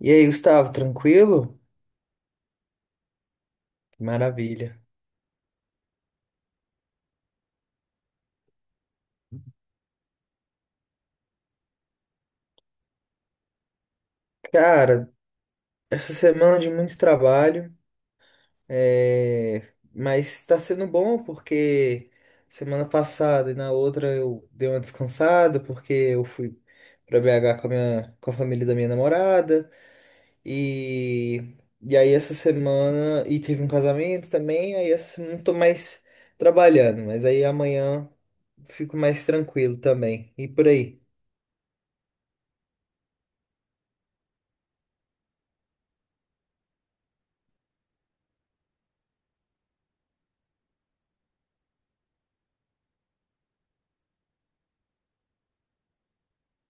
E aí, Gustavo, tranquilo? Maravilha. Cara, essa semana de muito trabalho, é, mas tá sendo bom porque semana passada e na outra eu dei uma descansada porque eu fui pra BH com a família da minha namorada e... e aí essa semana e teve um casamento também, aí essa semana eu tô mais trabalhando, mas aí amanhã fico mais tranquilo também. E por aí.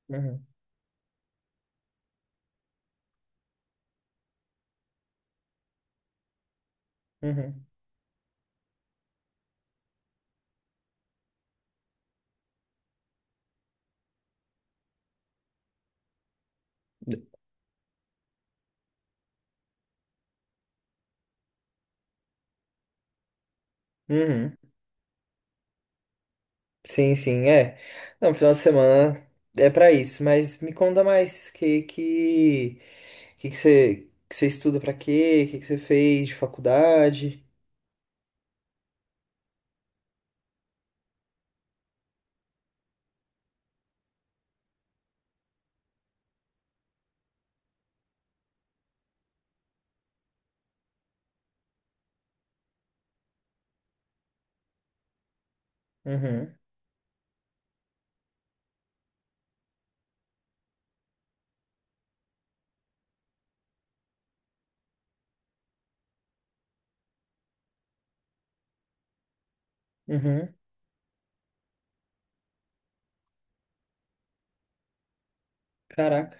Uhum. Uhum. Uhum. Sim, sim, é. Não, final de semana é pra isso, mas me conta mais, que que você estuda pra quê? Que você fez de faculdade? Uhum. Uhum. Caraca.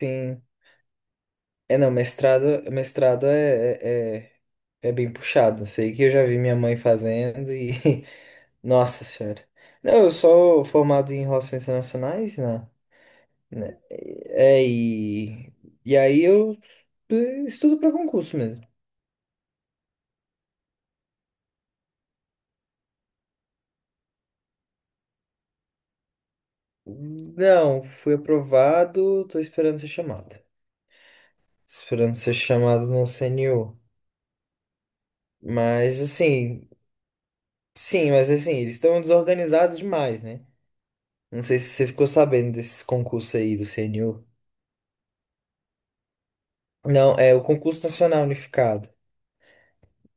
Sim. É, não, mestrado, mestrado é bem puxado. Sei que eu já vi minha mãe fazendo e nossa senhora. Não, eu sou formado em relações internacionais, não. Né? É, e aí eu estudo pra concurso mesmo. Hum. Não, fui aprovado, tô esperando ser chamado. Esperando ser chamado no CNU. Mas assim, sim, eles estão desorganizados demais, né? Não sei se você ficou sabendo desses concursos aí do CNU. Não, é o Concurso Nacional Unificado.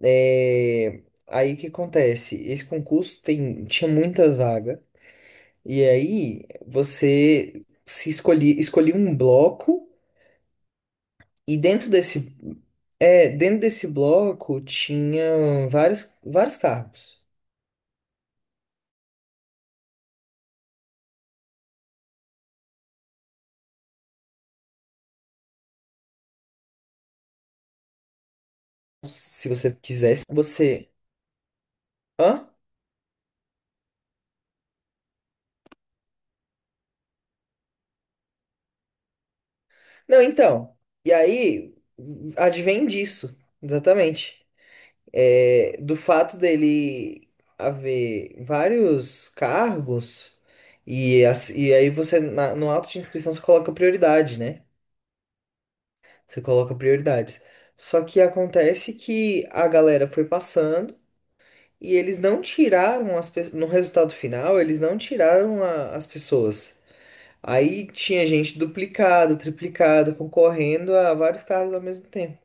É. Aí o que acontece? Esse concurso tinha muita vaga, e aí você se escolhia, escolhia um bloco. E dentro desse, dentro desse bloco tinha vários carros. Se você quisesse, você. Hã? Não, então. E aí, advém disso, exatamente. É, do fato dele haver vários cargos, e aí você, no auto de inscrição, você coloca prioridade, né? Você coloca prioridades. Só que acontece que a galera foi passando. E eles não tiraram as pessoas. No resultado final, eles não tiraram as pessoas. Aí tinha gente duplicada, triplicada, concorrendo a vários cargos ao mesmo tempo.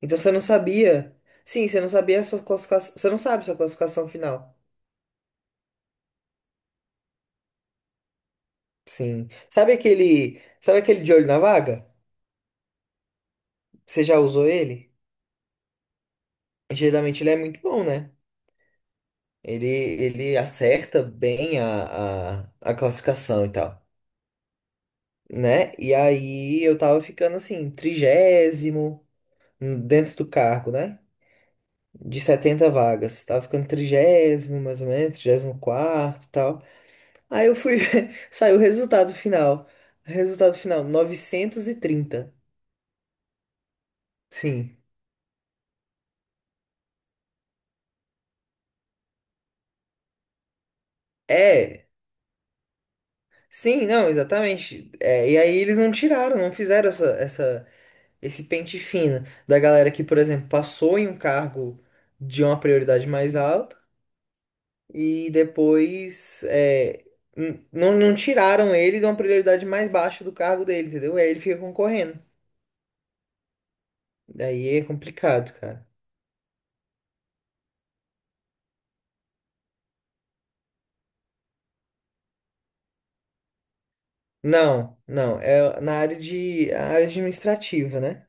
Então você não sabia. Sim, você não sabia a sua classificação. Você não sabe sua classificação final. Sim. Sabe aquele. Sabe aquele de olho na vaga? Você já usou ele? Geralmente ele é muito bom, né? Ele acerta bem a classificação e tal, né? E aí eu tava ficando assim, 30º dentro do cargo, né? De 70 vagas. Tava ficando 30º, mais ou menos, 34º e tal. Aí eu fui ver, saiu o resultado final. Resultado final, 930. Sim. É. Sim, não, exatamente. É, e aí eles não tiraram, não fizeram esse pente fino da galera que, por exemplo, passou em um cargo de uma prioridade mais alta e depois não tiraram ele de uma prioridade mais baixa do cargo dele, entendeu? Aí ele fica concorrendo. Daí é complicado, cara. Não, não, é na área de a área administrativa, né?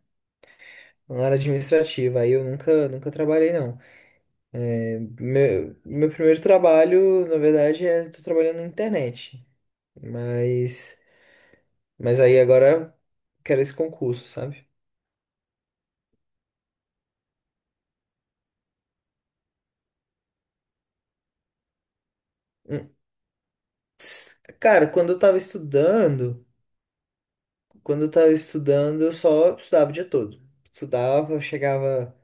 Na área administrativa, aí eu nunca trabalhei, não. É, meu primeiro trabalho, na verdade, tô trabalhando na internet. Mas, mas aí agora eu quero esse concurso, sabe? Hum, Cara, quando eu tava estudando, eu só estudava o dia todo. Estudava, chegava,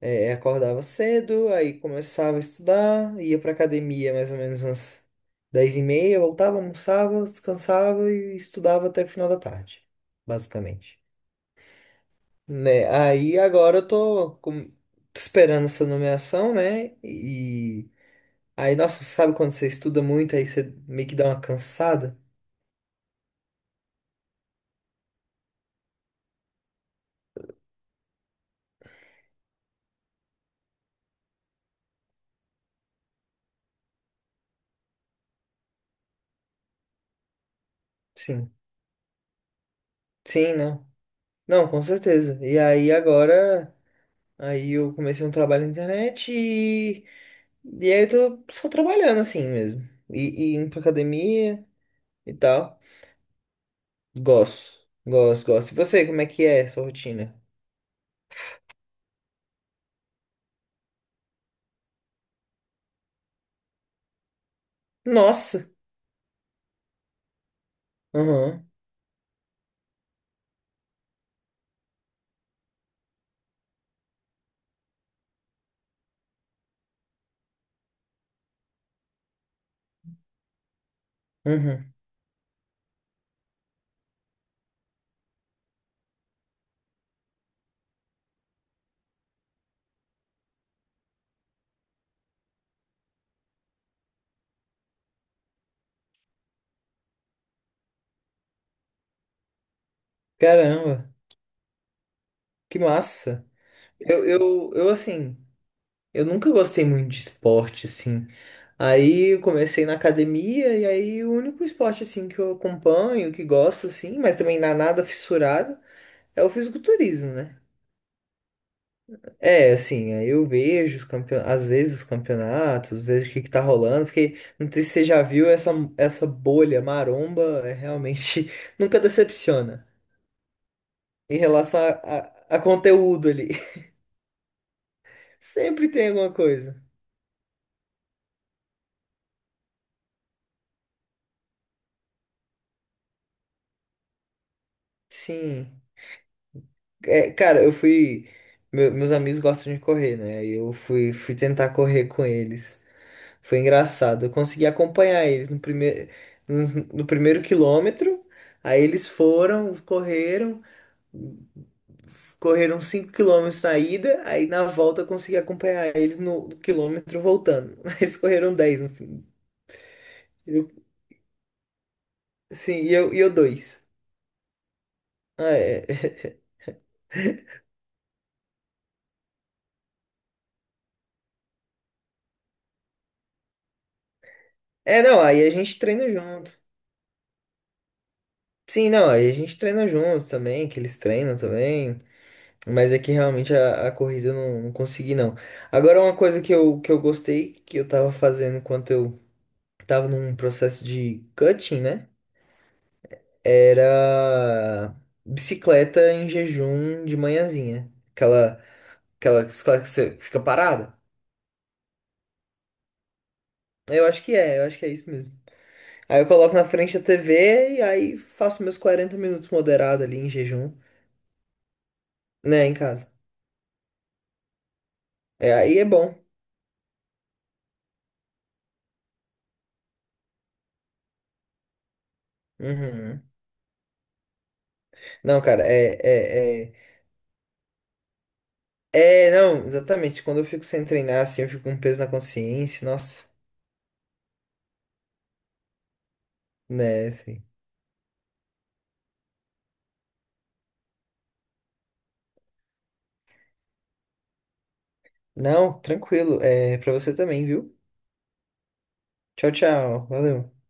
acordava cedo, aí começava a estudar, ia pra academia mais ou menos umas 10h30, voltava, almoçava, descansava e estudava até o final da tarde, basicamente. Né? Aí agora eu tô esperando essa nomeação, né? E aí, nossa, sabe quando você estuda muito, aí você meio que dá uma cansada? Sim. Sim, não. Não, com certeza. E aí agora. Aí eu comecei um trabalho na internet e aí eu tô só trabalhando assim mesmo. E indo pra academia e tal. Gosto, gosto, gosto. E você, como é que é a sua rotina? Nossa! Aham, uhum, Caramba, que massa! Eu, assim, eu nunca gostei muito de esporte, assim. Aí eu comecei na academia e aí o único esporte, assim, que eu acompanho, que gosto, assim, mas também não é nada fissurado, é o fisiculturismo, né? É, assim, aí eu vejo os às vezes os campeonatos, vejo o que que tá rolando, porque não sei se você já viu essa bolha maromba, é realmente nunca decepciona em relação a conteúdo ali. Sempre tem alguma coisa. Sim. É, cara, meus amigos gostam de correr, né? Aí eu fui tentar correr com eles. Foi engraçado. Eu consegui acompanhar eles no primeiro, no no primeiro quilômetro. Aí eles foram, correram. Correram 5 quilômetros saída aí na volta eu consegui acompanhar eles no quilômetro voltando. Eles correram 10 no fim. Eu- sim, e eu 2. é, é, É, não, aí a gente treina junto. Sim, não, aí a gente treina junto também, que eles treinam também. Mas é que realmente a corrida eu não consegui, não. Agora, uma coisa que eu gostei, que eu tava fazendo enquanto eu tava num processo de cutting, né? Era bicicleta em jejum de manhãzinha. Aquela bicicleta que você fica parada. Eu acho que é isso mesmo. Aí eu coloco na frente da TV e aí faço meus 40 minutos moderado ali em jejum, né, em casa. É, aí é bom. Uhum. Não, cara, é, é, é. É, não, exatamente. Quando eu fico sem treinar, assim, eu fico com um peso na consciência. Nossa, né, assim. Não, tranquilo. É pra você também, viu? Tchau, tchau. Valeu.